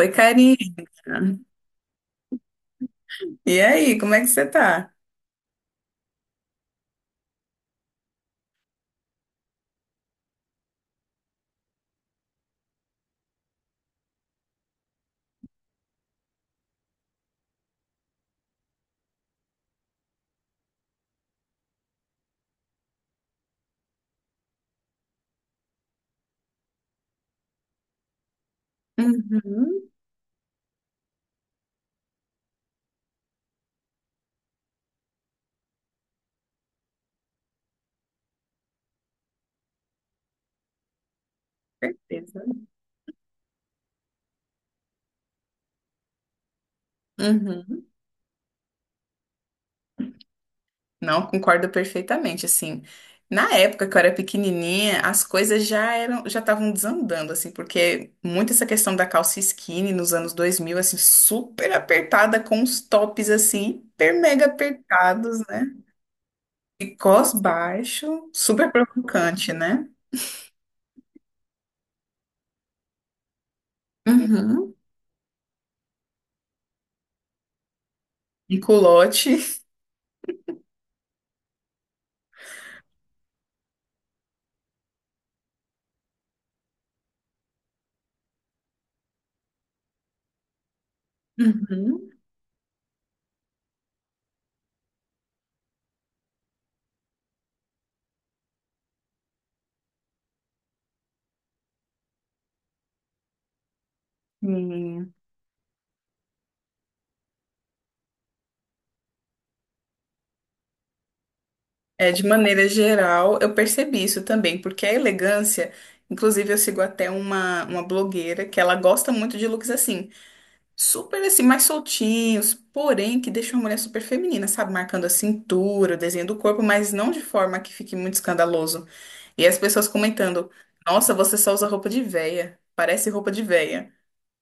Oi, Karina. E aí, como é que você tá? Uhum, certeza. Uhum. Não, concordo perfeitamente, assim. Na época que eu era pequenininha, as coisas já eram, já estavam desandando, assim, porque muito essa questão da calça skinny nos anos 2000 assim, super apertada, com os tops, assim, hiper mega apertados, né? E cós baixo, super provocante, né? Uhum. Um culote. Uhum. É, de maneira geral, eu percebi isso também, porque a elegância, inclusive eu sigo até uma blogueira que ela gosta muito de looks assim, super assim, mais soltinhos, porém que deixam a mulher super feminina, sabe? Marcando a cintura, o desenho do corpo, mas não de forma que fique muito escandaloso. E as pessoas comentando, nossa, você só usa roupa de véia, parece roupa de véia.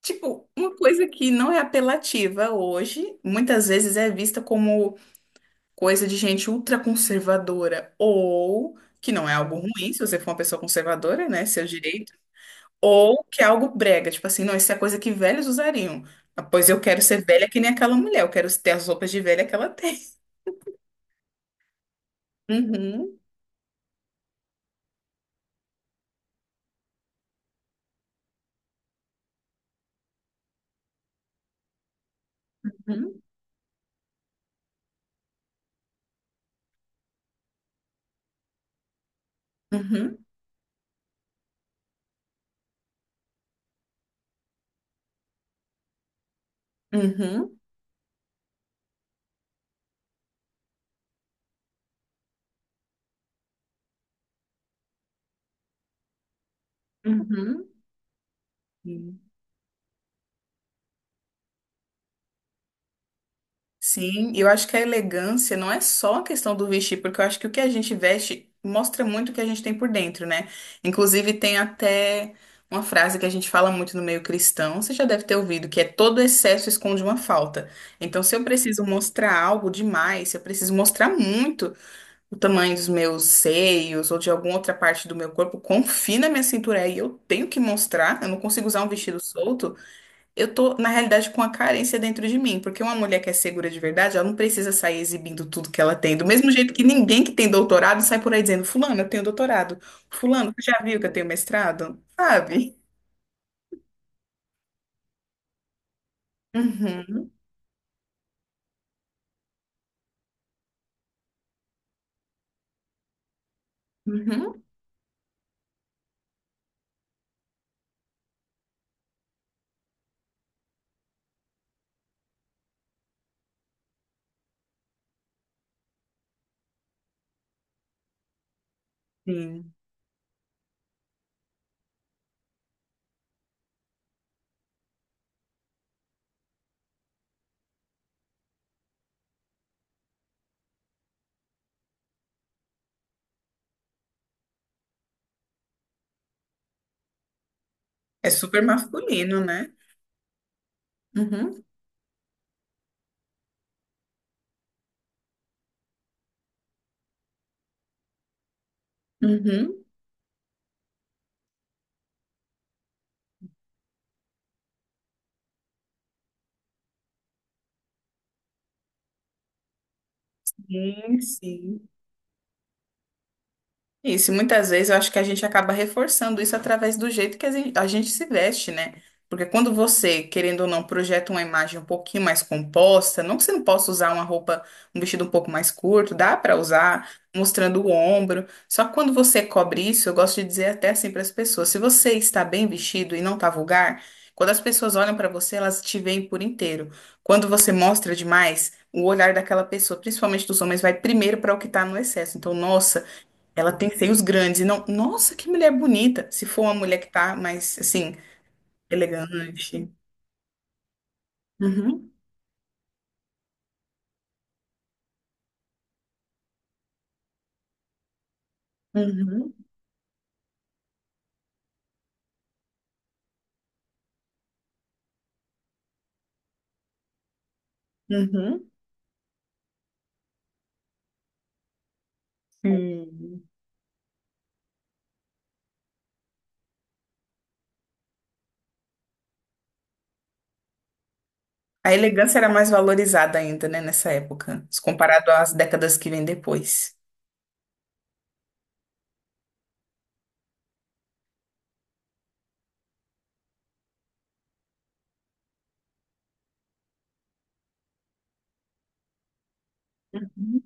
Tipo, uma coisa que não é apelativa hoje, muitas vezes é vista como coisa de gente ultraconservadora, ou que não é algo ruim se você for uma pessoa conservadora, né, seu direito, ou que é algo brega, tipo assim, não, isso é coisa que velhos usariam. Ah, pois eu quero ser velha que nem aquela mulher, eu quero ter as roupas de velha que ela tem. Uhum, uhum, uhum, uhum, uhum. Sim, eu acho que a elegância não é só a questão do vestir, porque eu acho que o que a gente veste mostra muito o que a gente tem por dentro, né? Inclusive, tem até uma frase que a gente fala muito no meio cristão, você já deve ter ouvido, que é todo excesso esconde uma falta. Então, se eu preciso mostrar algo demais, se eu preciso mostrar muito o tamanho dos meus seios ou de alguma outra parte do meu corpo, confina minha cintura aí, eu tenho que mostrar, eu não consigo usar um vestido solto. Eu tô, na realidade, com a carência dentro de mim, porque uma mulher que é segura de verdade, ela não precisa sair exibindo tudo que ela tem. Do mesmo jeito que ninguém que tem doutorado sai por aí dizendo, fulano, eu tenho doutorado. Fulano, você já viu que eu tenho mestrado? Sabe? Uhum, uhum, sim. É super masculino, né? Uhum, uhum. Sim, sim. Isso, e muitas vezes eu acho que a gente acaba reforçando isso através do jeito que a gente se veste, né? Porque quando você, querendo ou não, projeta uma imagem um pouquinho mais composta, não que você não possa usar uma roupa, um vestido um pouco mais curto, dá pra usar, mostrando o ombro. Só que quando você cobre isso, eu gosto de dizer até assim para as pessoas, se você está bem vestido e não tá vulgar, quando as pessoas olham pra você, elas te veem por inteiro. Quando você mostra demais, o olhar daquela pessoa, principalmente dos homens, vai primeiro pra o que tá no excesso. Então, nossa, ela tem seios grandes e não. Nossa, que mulher bonita! Se for uma mulher que tá mais, assim, elegante. Uhum, uhum, uhum. Sim. A elegância era mais valorizada ainda, né, nessa época, se comparado às décadas que vêm depois. Uhum.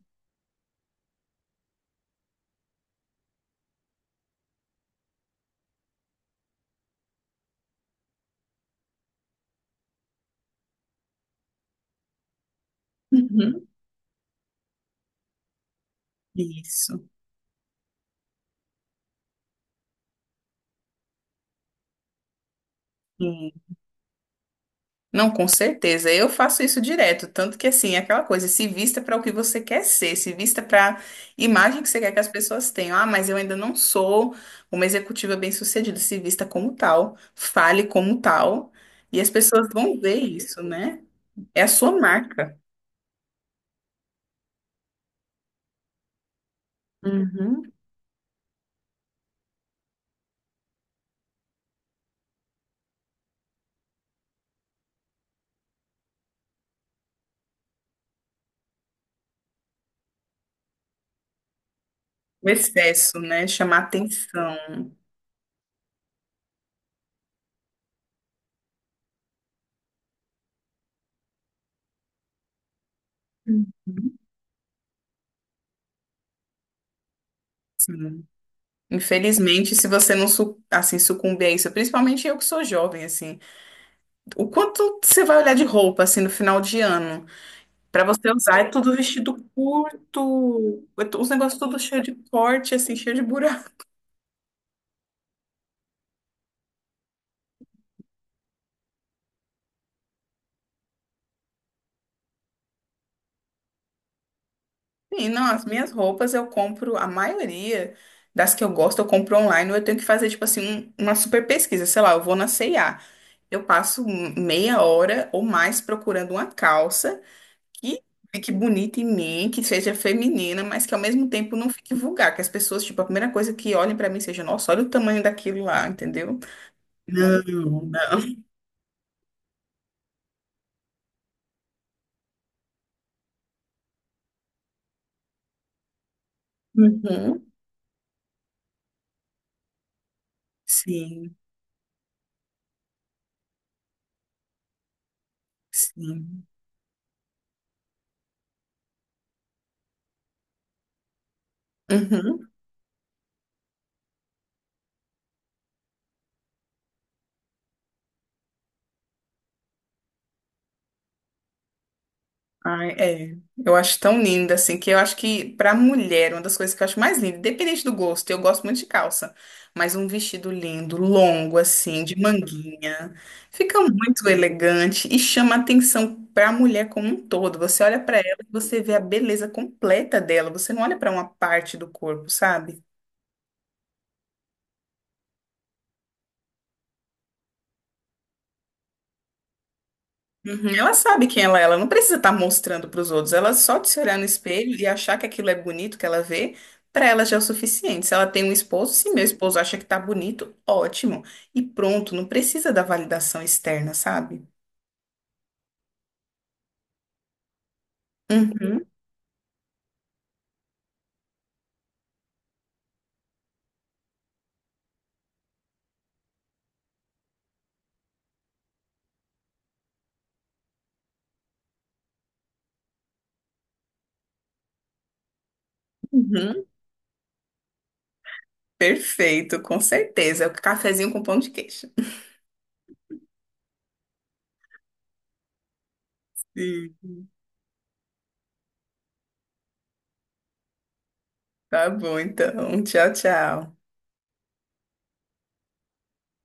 Uhum. Isso. Não, com certeza. Eu faço isso direto, tanto que assim, é aquela coisa, se vista para o que você quer ser, se vista para a imagem que você quer que as pessoas tenham. Ah, mas eu ainda não sou uma executiva bem-sucedida, se vista como tal, fale como tal, e as pessoas vão ver isso, né? É a sua marca. Uhum. O excesso, né? Chamar atenção. Uhum. Sim. Infelizmente, se você não assim sucumbir a isso, principalmente eu que sou jovem, assim, o quanto você vai olhar de roupa assim no final de ano? Pra você usar, é tudo vestido curto, os negócios tudo cheio de corte, assim, cheio de buraco. E não, as minhas roupas eu compro, a maioria das que eu gosto, eu compro online, ou eu tenho que fazer, tipo assim, uma super pesquisa, sei lá, eu vou na C&A, eu passo um, meia hora ou mais procurando uma calça que fique bonita em mim, que seja feminina, mas que ao mesmo tempo não fique vulgar, que as pessoas, tipo, a primeira coisa que olhem pra mim seja, nossa, olha o tamanho daquilo lá, entendeu? Não, não. Uhum. Sim. Sim. Uhum. Ai, é. Eu acho tão linda, assim, que eu acho que pra mulher, uma das coisas que eu acho mais linda, independente do gosto, eu gosto muito de calça, mas um vestido lindo, longo, assim, de manguinha, fica muito elegante e chama atenção pra mulher como um todo. Você olha pra ela e você vê a beleza completa dela, você não olha pra uma parte do corpo, sabe? Uhum, ela sabe quem ela é, ela não precisa estar mostrando para os outros, ela só de se olhar no espelho e achar que aquilo é bonito que ela vê, para ela já é o suficiente. Se ela tem um esposo, se meu esposo acha que tá bonito, ótimo. E pronto, não precisa da validação externa, sabe? Uhum, uhum. Perfeito, com certeza. É o cafezinho com pão de queijo. Sim. Tá bom, então. Tchau, tchau.